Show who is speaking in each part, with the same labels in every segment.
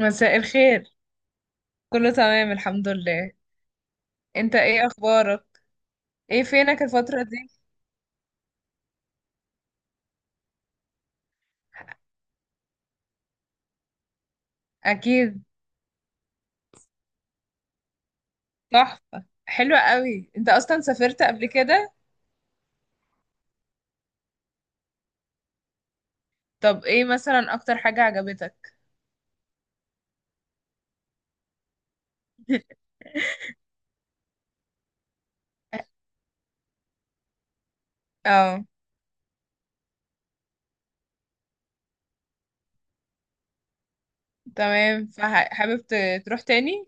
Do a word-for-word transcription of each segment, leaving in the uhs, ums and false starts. Speaker 1: مساء الخير. كله تمام، الحمد لله. انت ايه اخبارك؟ ايه فينك الفترة دي؟ اكيد. تحفة، حلوة قوي. انت اصلا سافرت قبل كده؟ طب ايه مثلا اكتر حاجة عجبتك؟ اه، تمام. فحابب ت- تروح تاني؟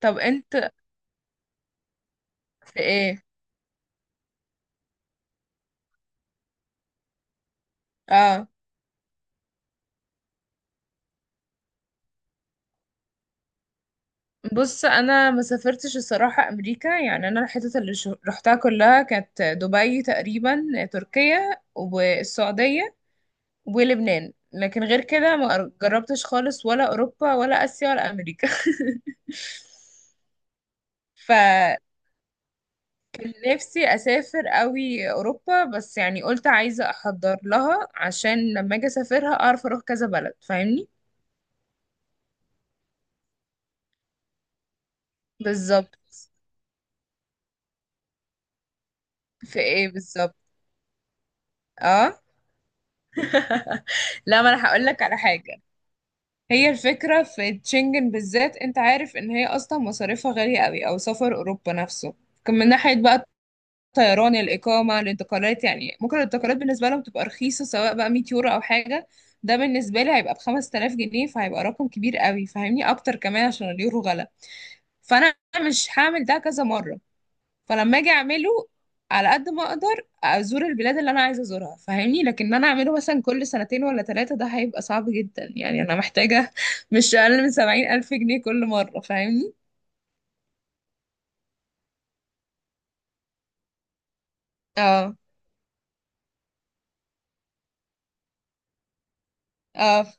Speaker 1: طب انت في ايه؟ اه، بص، انا ما سافرتش الصراحة امريكا، يعني انا الحتت اللي شو- رحتها كلها كانت دبي تقريبا، تركيا، والسعودية، ولبنان، لكن غير كده ما جربتش خالص، ولا أوروبا، ولا آسيا، ولا أمريكا. فنفسي أسافر قوي أوروبا، بس يعني قلت عايزة أحضر لها عشان لما أجي أسافرها أعرف أروح كذا بلد، فاهمني؟ بالظبط. في إيه بالظبط؟ اه، لا، ما أنا هقول لك على حاجة. هي الفكرة في تشنجن بالذات، أنت عارف إن هي أصلا مصاريفها غالية قوي، أو سفر أوروبا نفسه. كان من ناحية بقى طيران، الإقامة، الانتقالات. يعني ممكن الانتقالات بالنسبة لهم تبقى رخيصة، سواء بقى 100 يورو أو حاجة، ده بالنسبة لي هيبقى بخمس تلاف جنيه، فهيبقى رقم كبير قوي، فاهمني؟ أكتر كمان عشان اليورو غلا، فأنا مش هعمل ده كذا مرة. فلما أجي أعمله على قد ما أقدر أزور البلاد اللي أنا عايزة أزورها، فاهمني. لكن أنا أعمله مثلا كل سنتين ولا ثلاثة، ده هيبقى صعب جدا، يعني أنا محتاجة مش أقل من سبعين ألف جنيه كل مرة، فاهمني. اه، اه،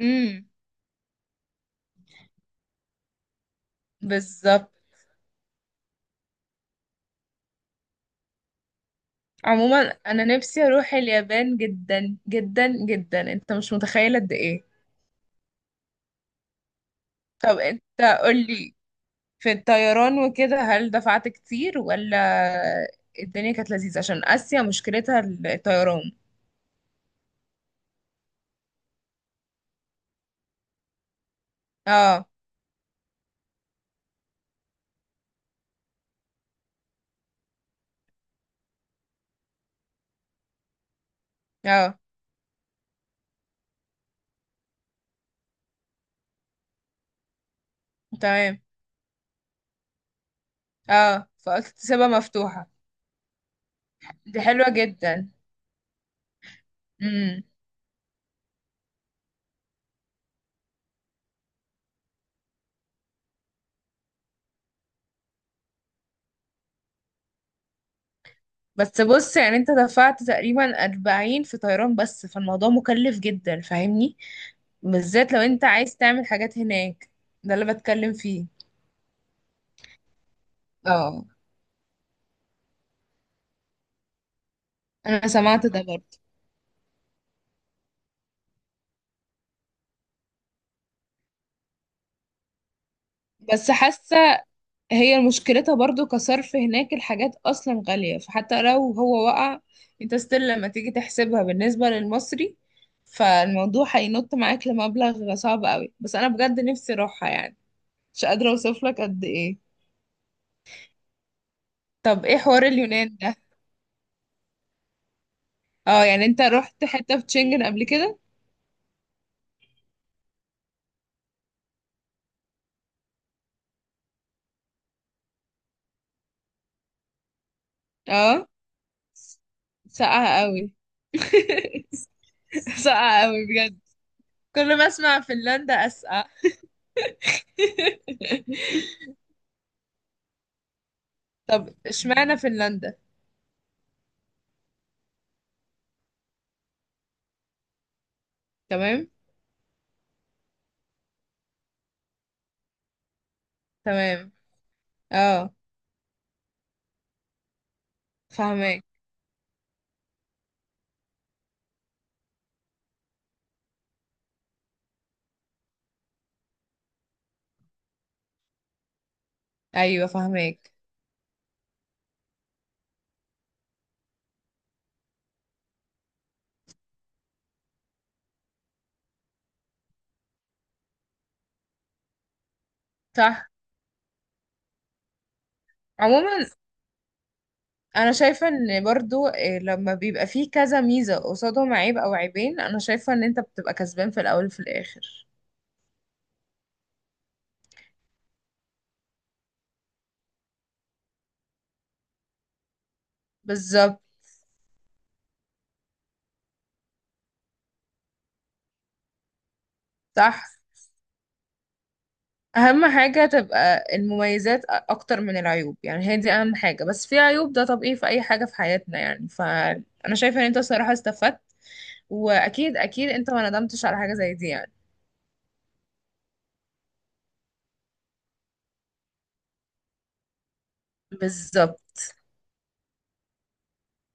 Speaker 1: امم بالظبط. عموما انا نفسي اروح اليابان جدا جدا جدا، انت مش متخيل قد ايه. طب انت، قولي، في الطيران وكده هل دفعت كتير، ولا الدنيا كانت لذيذة؟ عشان اسيا مشكلتها الطيران. اه، اه، تمام. اه فقلت تسيبها مفتوحة، دي حلوة جدا. امم بس بص، يعني انت دفعت تقريبا اربعين في طيران بس، فالموضوع مكلف جدا، فاهمني؟ بالذات لو انت عايز تعمل حاجات هناك، ده اللي بتكلم فيه. اه، انا سمعت ده برضه. بس حاسه هي مشكلتها برضه، كصرف هناك الحاجات اصلا غاليه، فحتى لو هو وقع، انت ستيل لما تيجي تحسبها بالنسبه للمصري، فالموضوع هينط معاك لمبلغ صعب قوي. بس انا بجد نفسي اروحها، يعني مش قادره اوصف لك قد ايه. طب ايه حوار اليونان ده؟ اه، يعني انت رحت حته في تشنجن قبل كده. اه، ساقعه قوي. ساقعه قوي بجد، كل ما اسمع فنلندا اسقع. طب اشمعنى فنلندا؟ تمام، تمام. اه، فهماك. ايوه، فهماك. صح. عموما انا شايفه ان برضو إيه، لما بيبقى فيه كذا ميزه قصادهم عيب او عيبين، انا شايفه ان انت بتبقى كسبان في الاول وفي الاخر. بالظبط. صح. اهم حاجه تبقى المميزات أ- اكتر من العيوب، يعني هي دي اهم حاجه. بس في عيوب، ده طبيعي في اي حاجه في حياتنا، يعني. فانا شايفه ان انت الصراحه استفدت، واكيد اكيد انت ما ندمتش على حاجه زي دي يعني. بالظبط.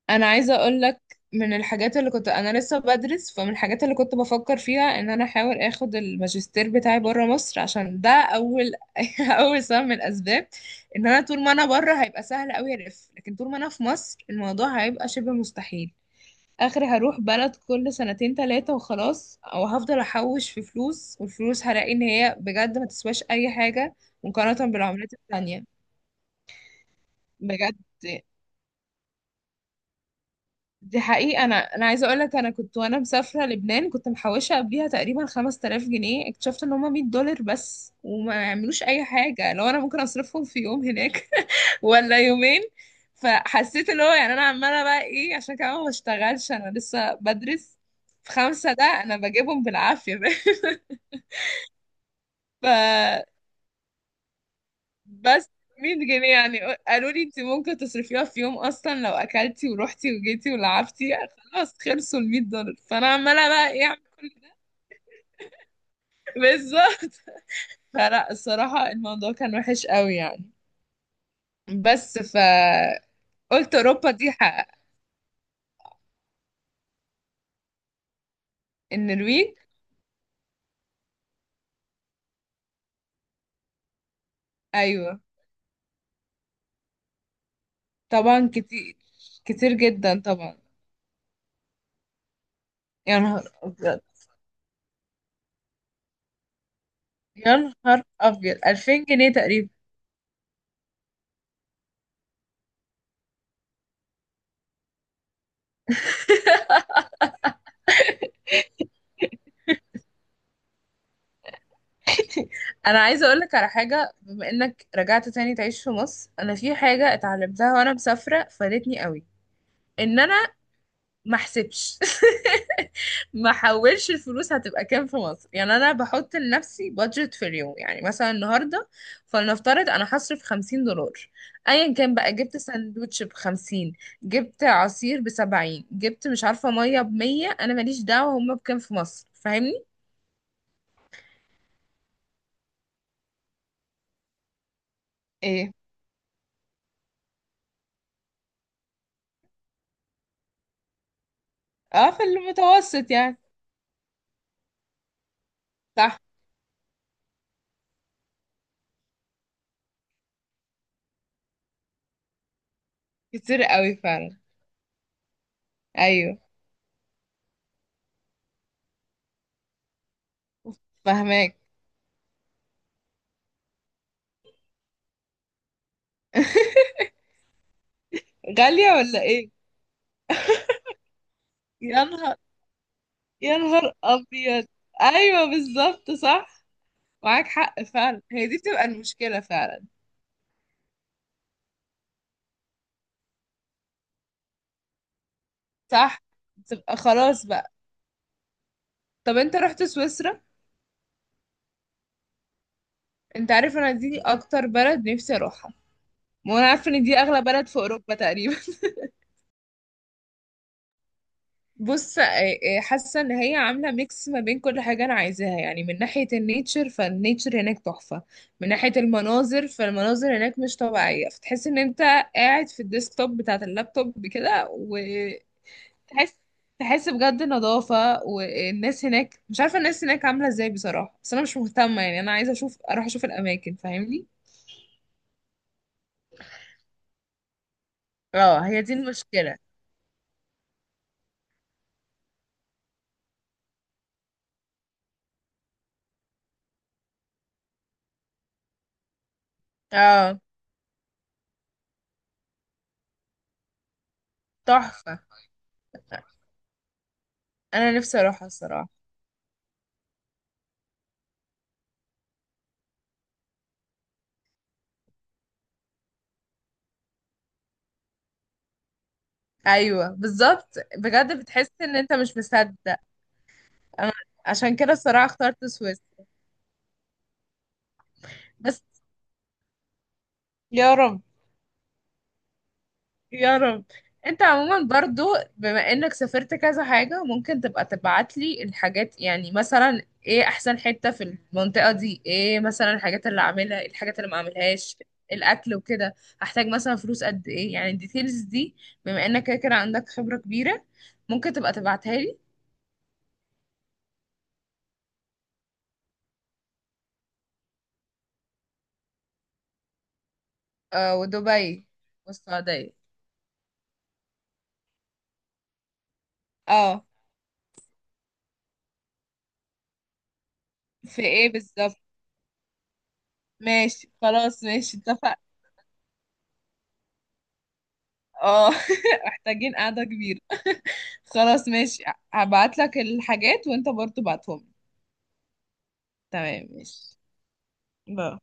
Speaker 1: انا عايزه اقول لك، من الحاجات اللي كنت انا لسه بدرس، فمن الحاجات اللي كنت بفكر فيها ان انا احاول اخد الماجستير بتاعي بره مصر، عشان ده اول اول سبب من الاسباب. ان انا طول ما انا بره هيبقى سهل قوي الف، لكن طول ما انا في مصر الموضوع هيبقى شبه مستحيل. اخري هروح بلد كل سنتين تلاتة وخلاص، او هفضل احوش في فلوس والفلوس هلاقي ان هي بجد ما تسواش اي حاجه مقارنه بالعملات التانية. بجد. دي حقيقة. أنا أنا عايزة أقولك، أنا كنت وأنا مسافرة لبنان كنت محوشة قبليها تقريبا خمس تلاف جنيه، اكتشفت إن هما مية دولار بس، وما يعملوش أي حاجة، لو أنا ممكن أصرفهم في يوم هناك ولا يومين. فحسيت اللي هو، يعني أنا عمالة بقى إيه، عشان كمان ما بشتغلش، أنا لسه بدرس في خمسة ده أنا بجيبهم بالعافية. ف بس مية جنيه يعني. قالوا لي انت ممكن تصرفيها في يوم اصلا، لو اكلتي ورحتي وجيتي ولعبتي خلاص خلصوا ال مية دولار، فانا عماله بقى ايه اعمل كل- بالظبط. فلا الصراحه الموضوع كان وحش قوي يعني. بس، ف قلت اوروبا دي حق. النرويج. ايوه طبعا، كتير، كتير جدا طبعا. يا نهار ابيض، يا نهار ابيض، ألفين جنيه تقريبا. انا عايزه اقول لك على حاجه، بما انك رجعت تاني تعيش في مصر، انا في حاجه اتعلمتها وانا مسافره فادتني قوي. ان انا ما احسبش ما احولش الفلوس هتبقى كام في مصر. يعني انا بحط لنفسي بادجت في اليوم، يعني مثلا النهارده فلنفترض انا هصرف خمسين دولار، ايا كان بقى جبت ساندوتش ب خمسين، جبت عصير ب سبعين، جبت مش عارفه ميه ب مية، انا ماليش دعوه هما بكام في مصر، فاهمني. ايه. اه، في المتوسط يعني. صح، كتير قوي فعلا. ايوه فاهماك. غالية ولا ايه؟ يا نهار، يا نهار ابيض. ايوه بالظبط، صح. معاك حق فعلا، هي دي بتبقى المشكلة فعلا. صح، بتبقى خلاص بقى. طب انت رحت سويسرا؟ انت عارف انا دي اكتر بلد نفسي اروحها، وانا عارفة ان دي اغلى بلد في اوروبا تقريبا. بص، آه، آه، حاسه ان هي عامله ميكس ما بين كل حاجه انا عايزاها، يعني من ناحيه النيتشر فالنيتشر هناك تحفه. من ناحيه المناظر فالمناظر هناك مش طبيعيه، فتحس ان انت قاعد في الديسكتوب بتاعه اللابتوب كده وتحس تحس بجد نظافه. والناس هناك مش عارفه الناس هناك عامله ازاي بصراحه، بس انا مش مهتمه، يعني انا عايزه اشوف اروح اشوف الاماكن، فاهمني. اه، هي دي المشكله. اه، تحفه. انا نفسي اروحها الصراحه. ايوه بالظبط بجد، بتحس ان انت مش مصدق. انا عشان كده الصراحه اخترت سويس. بس، يا رب، يا رب. انت عموما برضو بما انك سافرت كذا حاجه، ممكن تبقى تبعت لي الحاجات. يعني مثلا ايه احسن حته في المنطقه دي، ايه مثلا الحاجات اللي اعملها، إيه الحاجات اللي ما اعملهاش، الاكل وكده، هحتاج مثلا فلوس قد ايه، يعني الديتيلز دي. بما انك كده كده عندك خبره كبيره، ممكن تبقى تبعتها لي. آه، ودبي، والسعوديه. اه، في ايه بالظبط؟ ماشي، خلاص ماشي اتفق. اه. محتاجين قعدة كبيرة. خلاص ماشي، هبعت لك الحاجات وانت برضو بعتهم. تمام ماشي. باي.